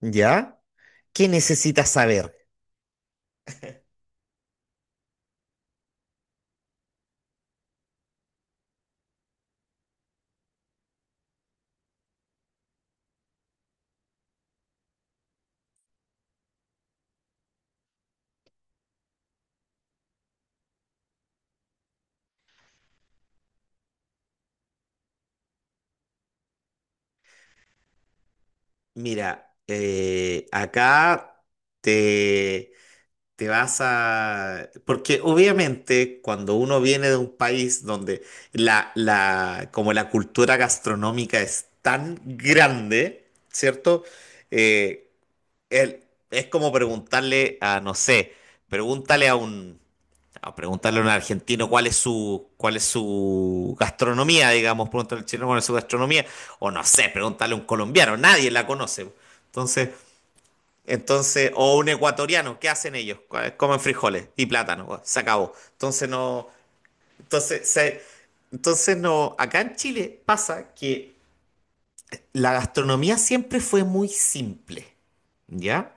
¿Ya? ¿Qué necesitas saber? Mira, acá te, te vas a... Porque obviamente cuando uno viene de un país donde como la cultura gastronómica es tan grande, ¿cierto? Eh, el- es como preguntarle a, no sé, pregúntale a un, A preguntarle a un argentino cuál es su gastronomía, digamos, preguntarle al chileno cuál es su gastronomía, o no sé, preguntarle a un colombiano, nadie la conoce. Entonces, entonces, o un ecuatoriano, ¿qué hacen ellos? Comen frijoles y plátano, pues, se acabó. Entonces, se- entonces no, acá en Chile pasa que la gastronomía siempre fue muy simple, ¿ya?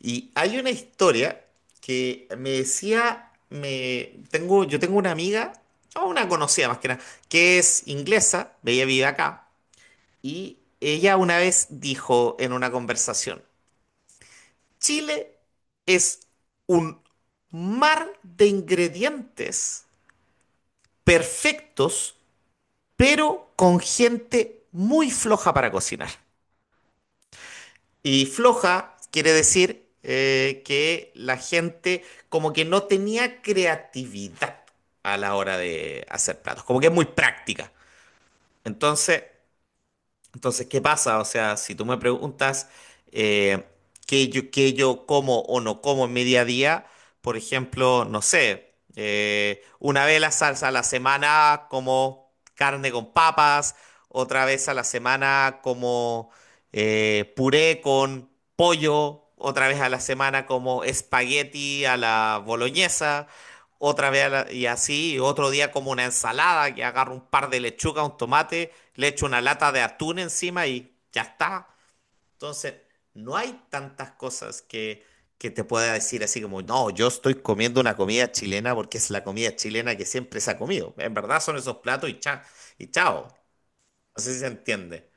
Y hay una historia que me decía, me, tengo, yo tengo una amiga, o una conocida más que nada, que es inglesa. Ella vive acá, y ella una vez dijo en una conversación, Chile es un mar de ingredientes perfectos, pero con gente muy floja para cocinar. Y floja quiere decir que la gente como que no tenía creatividad a la hora de hacer platos, como que es muy práctica. Entonces, entonces, ¿qué pasa? O sea, si tú me preguntas eh, qué yo como o no como en mi día a día, por ejemplo, no sé, una vez la salsa a la semana como carne con papas, otra vez a la semana como puré con pollo, otra vez a la semana como espagueti a la boloñesa, otra vez a la- y así, y otro día como una ensalada, que agarro un par de lechuga, un tomate, le echo una lata de atún encima y ya está. Entonces, no hay tantas cosas que te pueda decir así como, no, yo estoy comiendo una comida chilena porque es la comida chilena que siempre se ha comido. En verdad son esos platos y y chao. No sé si se entiende.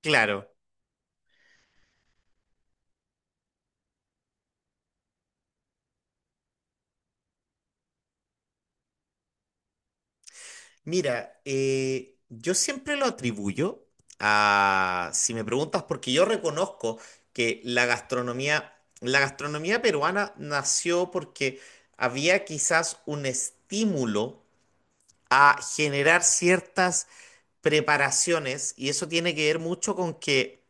Claro. Mira, yo siempre lo atribuyo a, si me preguntas, porque yo reconozco que la gastronomía peruana nació porque había quizás un estímulo a generar ciertas preparaciones, y eso tiene que ver mucho con que,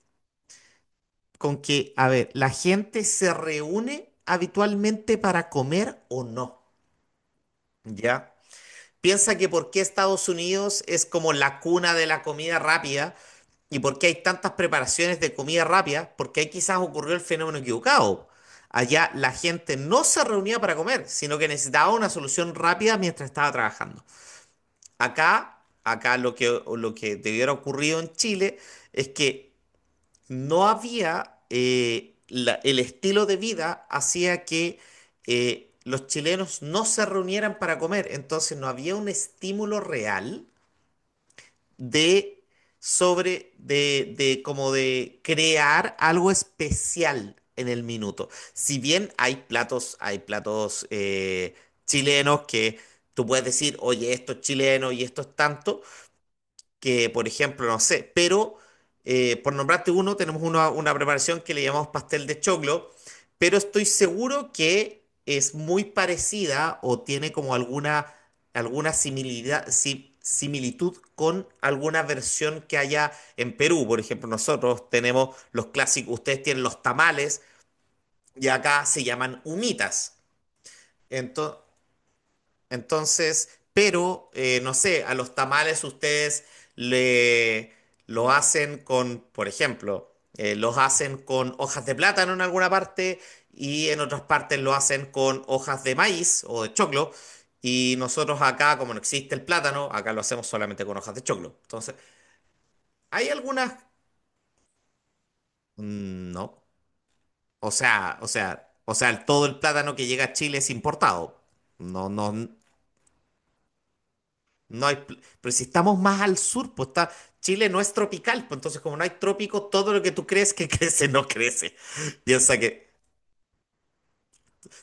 a ver, la gente se reúne habitualmente para comer o no, ¿ya? Piensa que por qué Estados Unidos es como la cuna de la comida rápida y por qué hay tantas preparaciones de comida rápida, porque ahí quizás ocurrió el fenómeno equivocado. Allá la gente no se reunía para comer, sino que necesitaba una solución rápida mientras estaba trabajando. Acá lo que debiera ocurrido en Chile es que no había el estilo de vida hacía que los chilenos no se reunieran para comer, entonces no había un estímulo real de sobre de como de crear algo especial en el minuto. Si bien hay platos chilenos que tú puedes decir, oye, esto es chileno y esto es tanto, que, por ejemplo, no sé, pero por nombrarte uno, tenemos una preparación que le llamamos pastel de choclo, pero estoy seguro que es muy parecida o tiene como alguna, alguna similidad, si- similitud con alguna versión que haya en Perú. Por ejemplo, nosotros tenemos los clásicos, ustedes tienen los tamales, y acá se llaman humitas. Entonces, entonces, pero no sé, a los tamales ustedes le lo hacen con, por ejemplo, los hacen con hojas de plátano en alguna parte, y en otras partes lo hacen con hojas de maíz o de choclo. Y nosotros acá, como no existe el plátano, acá lo hacemos solamente con hojas de choclo. Entonces, hay algunas... Mm, no. O sea, todo el plátano que llega a Chile es importado. No, no. No hay. Pero si estamos más al sur, pues está, Chile no es tropical, pues entonces como no hay trópico, todo lo que tú crees que crece no crece. Piensa que,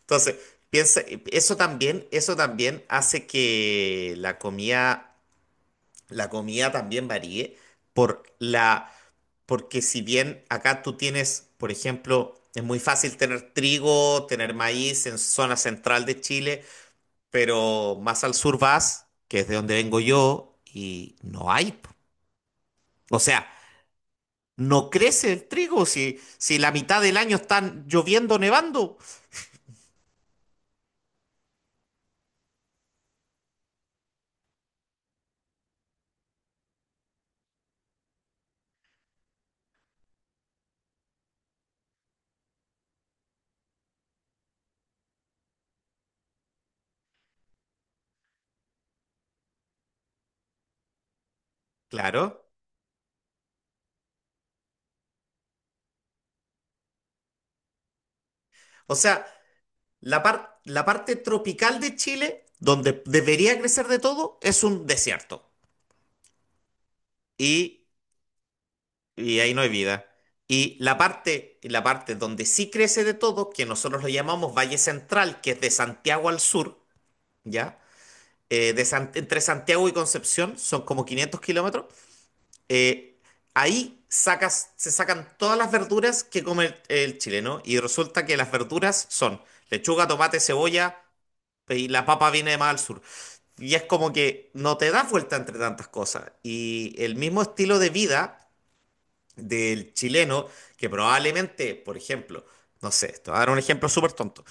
entonces, piensa, eso también, hace que la comida también varíe por porque si bien acá tú tienes, por ejemplo, es muy fácil tener trigo, tener maíz en zona central de Chile, pero más al sur vas, que es de donde vengo yo, y no hay, po. O sea, no crece el trigo si, si la mitad del año están lloviendo, nevando. Claro. O sea, la parte tropical de Chile, donde debería crecer de todo, es un desierto. Y, y ahí no hay vida. Y la parte donde sí crece de todo, que nosotros lo llamamos Valle Central, que es de Santiago al sur, ¿ya? Entre Santiago y Concepción, son como 500 kilómetros. eh, Se sacan todas las verduras que come el chileno, y resulta que las verduras son lechuga, tomate, cebolla, y la papa viene de más al sur. Y es como que no te das vuelta entre tantas cosas. Y el mismo estilo de vida del chileno, que probablemente, por ejemplo, no sé, te voy a dar un ejemplo súper tonto.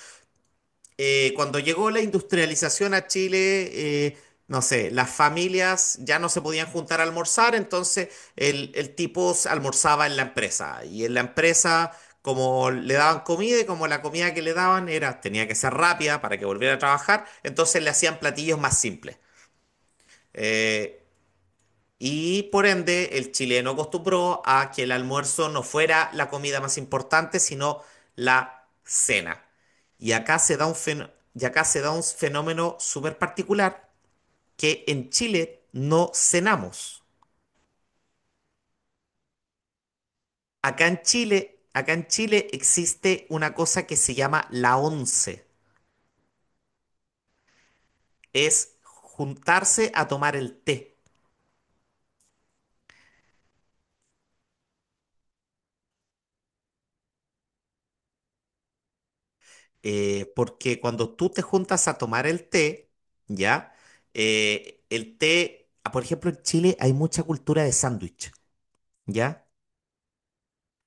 Cuando llegó la industrialización a Chile, no sé, las familias ya no se podían juntar a almorzar, entonces el tipo almorzaba en la empresa. Y en la empresa, como le daban comida y como la comida que le daban era, tenía que ser rápida para que volviera a trabajar, entonces le hacían platillos más simples. Eh, y por ende, el chileno acostumbró a que el almuerzo no fuera la comida más importante, sino la cena. Y acá se da un fenómeno súper particular, que en Chile no cenamos. Acá en Chile existe una cosa que se llama la once. Es juntarse a tomar el té. Porque cuando tú te juntas a tomar el té, ¿ya? El té, ah, por ejemplo, en Chile hay mucha cultura de sándwich, ¿ya?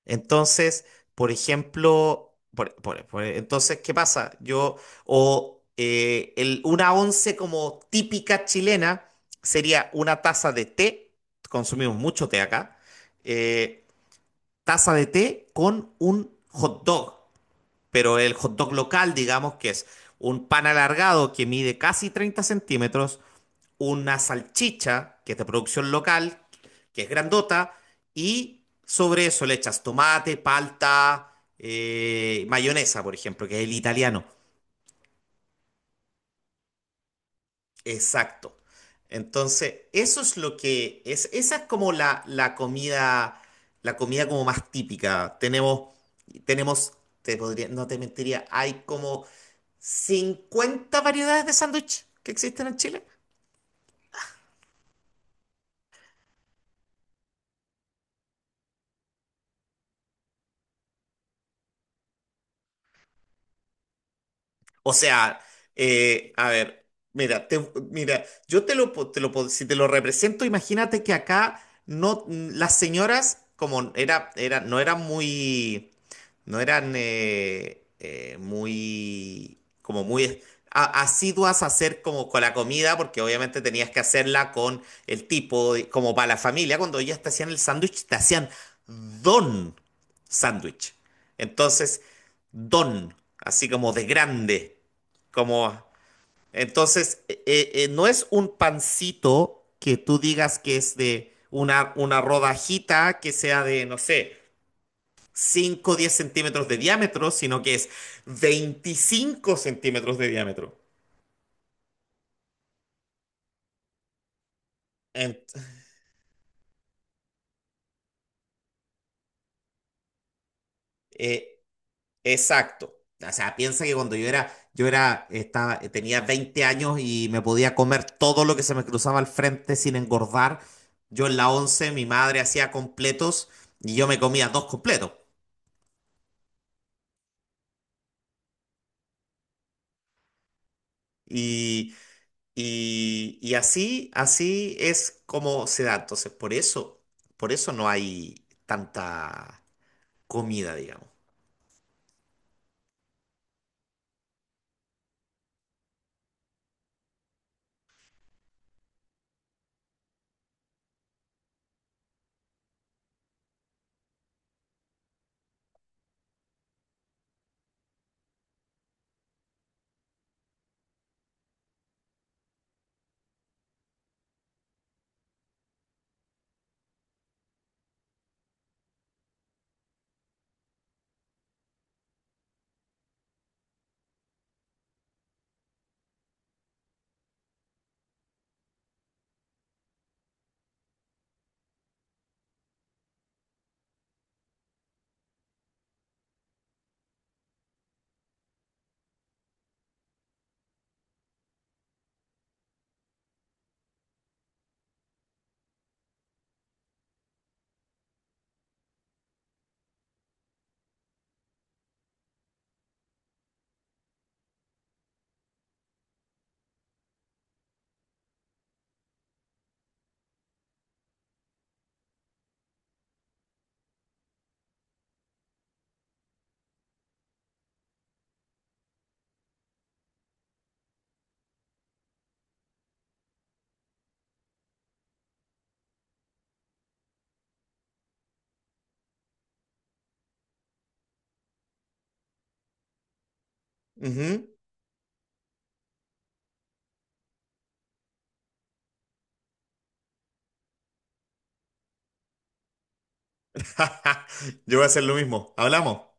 Entonces, por ejemplo, entonces, ¿qué pasa? O una once como típica chilena sería una taza de té, consumimos mucho té acá. eh, Taza de té con un hot dog, pero el hot dog local, digamos que es un pan alargado que mide casi 30 centímetros, una salchicha que es de producción local, que es grandota, y sobre eso le echas tomate, palta, mayonesa, por ejemplo, que es el italiano. Exacto. Entonces, eso es lo que es, esa es como la comida, la comida como más típica. Tenemos, te podría, no te mentiría, hay como 50 variedades de sándwich que existen en Chile. O sea, a ver, mira, mira, yo te lo, po- si te lo represento, imagínate que acá no, las señoras, como no eran muy, no eran muy, como muy asiduas a hacer como con la comida, porque obviamente tenías que hacerla con el tipo, como para la familia, cuando ellas te hacían el sándwich, te hacían don sándwich. Entonces, don, así como de grande. Como, entonces, no es un pancito que tú digas que es de una rodajita que sea de, no sé, 5 o 10 centímetros de diámetro, sino que es 25 centímetros de diámetro. En- eh, Exacto. O sea, piensa que cuando tenía 20 años y me podía comer todo lo que se me cruzaba al frente sin engordar. Yo en la 11 mi madre hacía completos, y yo me comía dos completos. Y, y así es como se da. Entonces, por eso no hay tanta comida, digamos. Ujú. Yo voy a hacer lo mismo. Hablamos.